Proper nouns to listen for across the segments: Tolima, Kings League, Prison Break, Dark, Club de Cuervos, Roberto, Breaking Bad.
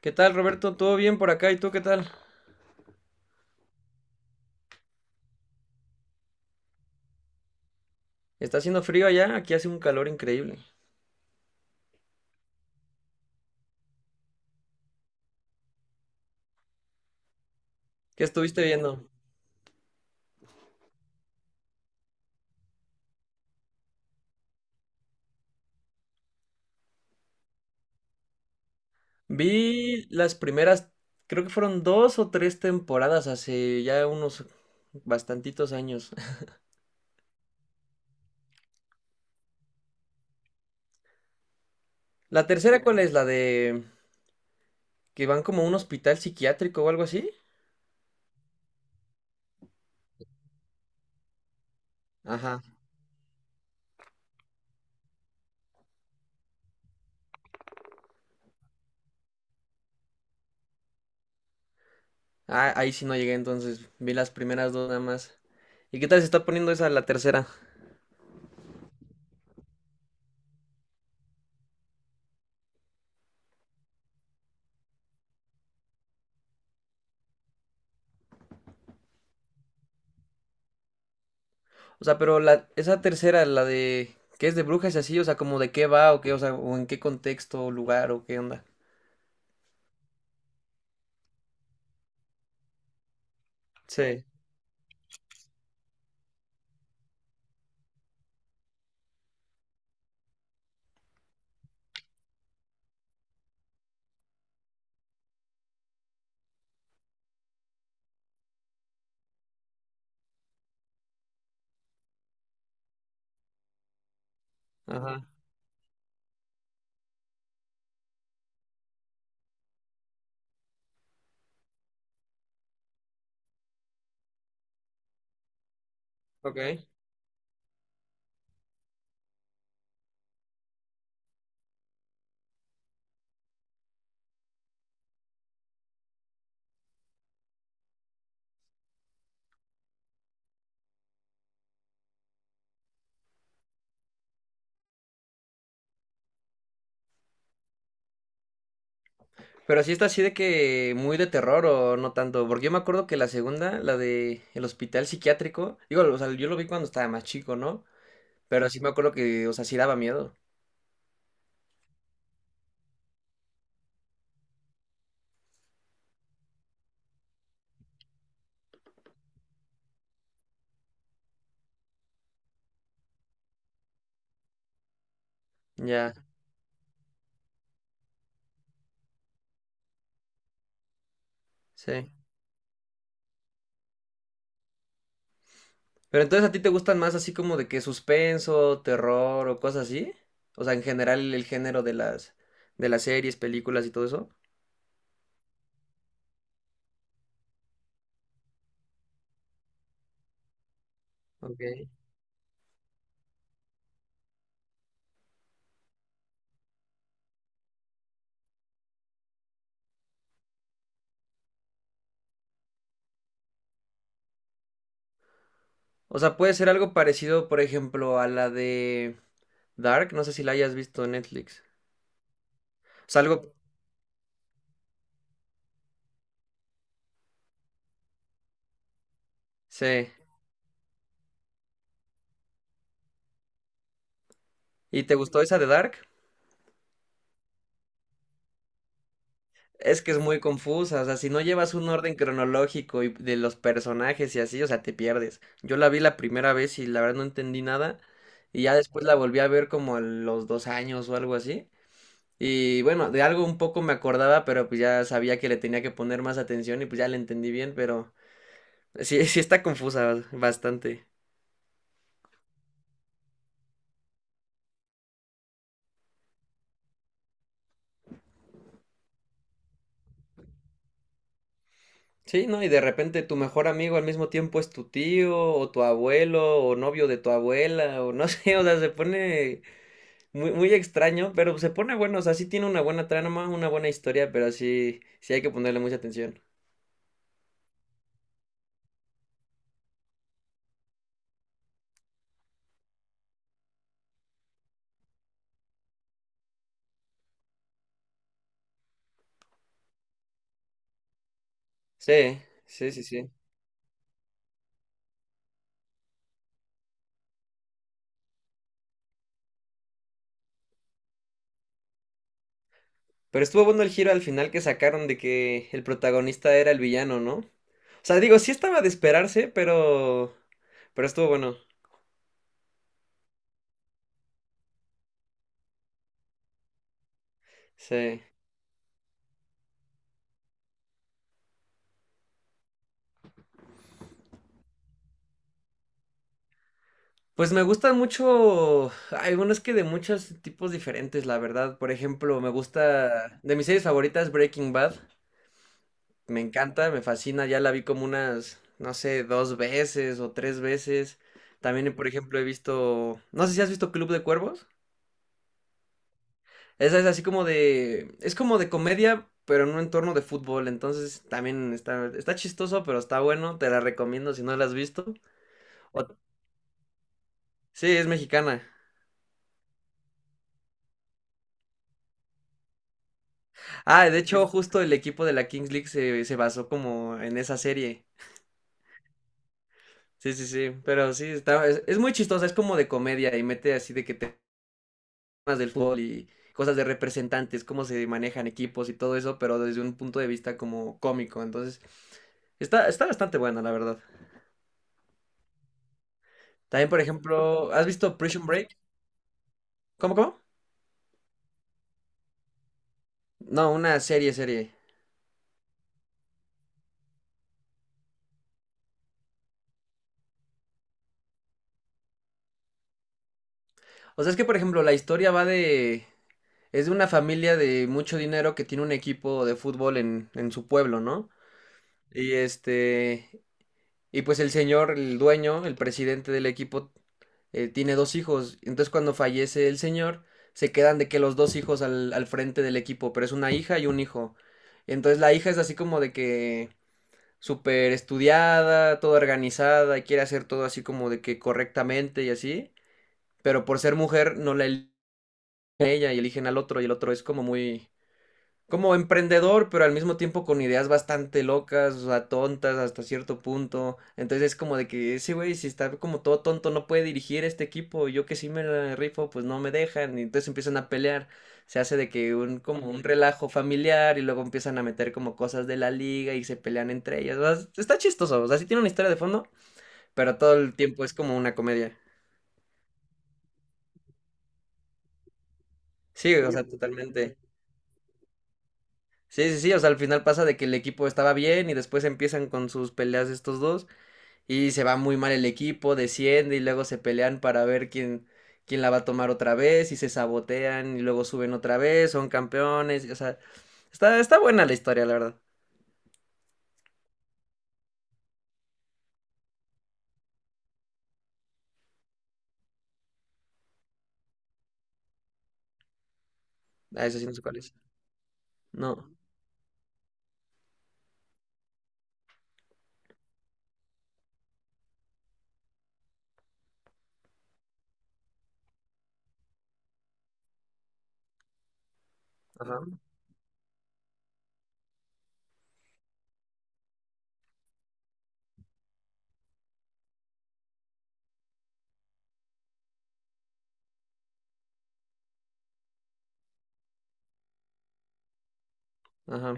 ¿Qué tal, Roberto? ¿Todo bien por acá? ¿Y tú qué tal? Está haciendo frío allá, aquí hace un calor increíble. ¿Qué estuviste viendo? Vi las primeras, creo que fueron dos o tres temporadas hace ya unos bastantitos años. ¿La tercera cuál es? ¿La de que van como a un hospital psiquiátrico o algo así? Ajá. Ah, ahí sí no llegué, entonces vi las primeras dos nada más. ¿Y qué tal se está poniendo esa la tercera? O sea, pero esa tercera, la de que es de brujas y así, o sea, como de qué va o qué, o sea, o en qué contexto, lugar o qué onda. Sí, ajá, ok. Pero sí está así de que muy de terror o no tanto, porque yo me acuerdo que la segunda, la de el hospital psiquiátrico, digo, o sea, yo lo vi cuando estaba más chico, ¿no? Pero sí me acuerdo que, o sea, sí daba miedo. Ya, sí. Pero entonces ¿a ti te gustan más así como de que suspenso, terror o cosas así? O sea, en general el género de las series, películas y todo eso. Ok. O sea, puede ser algo parecido, por ejemplo, a la de Dark. No sé si la hayas visto en Netflix. O sea, algo... Sí. ¿Y te gustó esa de Dark? Es que es muy confusa. O sea, si no llevas un orden cronológico y de los personajes y así, o sea, te pierdes. Yo la vi la primera vez y la verdad no entendí nada. Y ya después la volví a ver como a los dos años o algo así. Y bueno, de algo un poco me acordaba, pero pues ya sabía que le tenía que poner más atención y pues ya le entendí bien, pero sí, sí está confusa bastante. Sí, ¿no? Y de repente tu mejor amigo al mismo tiempo es tu tío o tu abuelo o novio de tu abuela o no sé, o sea, se pone muy, muy extraño, pero se pone bueno, o sea, sí tiene una buena trama, una buena historia, pero sí, sí hay que ponerle mucha atención. Sí, sí, sí, sí. Pero estuvo bueno el giro al final que sacaron de que el protagonista era el villano, ¿no? O sea, digo, sí estaba de esperarse, pero estuvo bueno. Sí. Pues me gustan mucho, hay unos que de muchos tipos diferentes, la verdad. Por ejemplo, me gusta, de mis series favoritas, Breaking Bad. Me encanta, me fascina, ya la vi como unas, no sé, dos veces o tres veces. También, por ejemplo, he visto, no sé si has visto Club de Cuervos. Esa es así como de, es como de comedia, pero en un entorno de fútbol. Entonces, también está chistoso, pero está bueno. Te la recomiendo si no la has visto. O- sí, es mexicana. Ah, de hecho, justo el equipo de la Kings League se basó como en esa serie. Sí, sí, sí. Pero sí, está, es muy chistosa, es como de comedia y mete así de que temas del fútbol y cosas de representantes, cómo se manejan equipos y todo eso, pero desde un punto de vista como cómico. Entonces, está bastante bueno, la verdad. También, por ejemplo, ¿has visto Prison Break? ¿Cómo, cómo? No, una serie, serie. O sea, es que, por ejemplo, la historia va de... Es de una familia de mucho dinero que tiene un equipo de fútbol en su pueblo, ¿no? Y este, y pues el señor, el dueño, el presidente del equipo, tiene dos hijos. Entonces cuando fallece el señor, se quedan de que los dos hijos al frente del equipo, pero es una hija y un hijo. Entonces la hija es así como de que súper estudiada, toda organizada, y quiere hacer todo así como de que correctamente y así. Pero por ser mujer no la eligen a ella y eligen al otro, y el otro es como muy, como emprendedor, pero al mismo tiempo con ideas bastante locas, o sea, tontas hasta cierto punto. Entonces es como de que ese güey, si está como todo tonto, no puede dirigir este equipo. Yo que sí me la rifo, pues no me dejan. Y entonces empiezan a pelear. Se hace de que un, como un relajo familiar y luego empiezan a meter como cosas de la liga y se pelean entre ellas. O sea, está chistoso, o sea, sí tiene una historia de fondo, pero todo el tiempo es como una comedia. Sí, o sea, totalmente. Sí, sí, sí, o sea, al final pasa de que el equipo estaba bien y después empiezan con sus peleas estos dos. Y se va muy mal el equipo, desciende y luego se pelean para ver quién la va a tomar otra vez y se sabotean y luego suben otra vez, son campeones, o sea, está buena la historia, la verdad. Ah, eso sí no sé cuál es. No. Ajá. Ajá.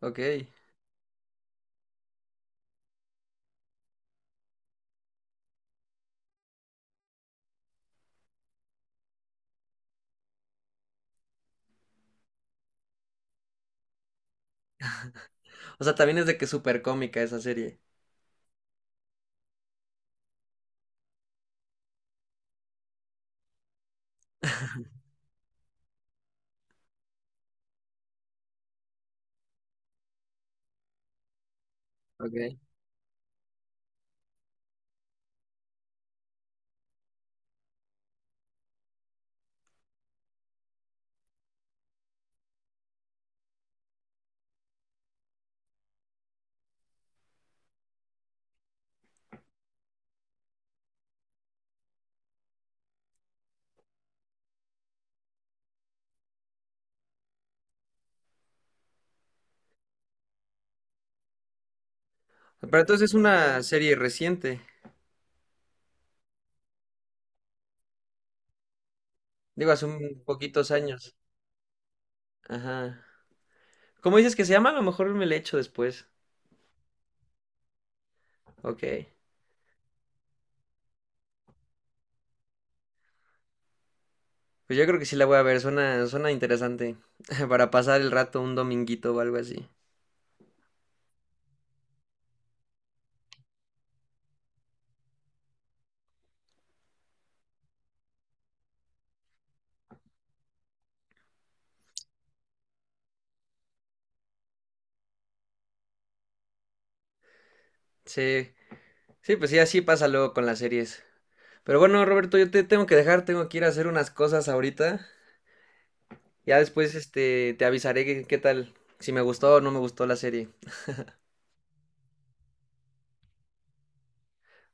Ok. O sea, también es de que es súper cómica esa serie. Ok. Pero entonces ¿es una serie reciente? Digo, hace un poquitos años. Ajá. ¿Cómo dices que se llama? A lo mejor me la echo después. Ok. Pues yo creo que sí la voy a ver, suena interesante. Para pasar el rato un dominguito o algo así. Sí, sí, pues sí, así pasa luego con las series. Pero bueno, Roberto, yo te tengo que dejar, tengo que ir a hacer unas cosas ahorita. Ya después, te avisaré qué tal, si me gustó o no me gustó la serie.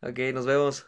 Ok, nos vemos.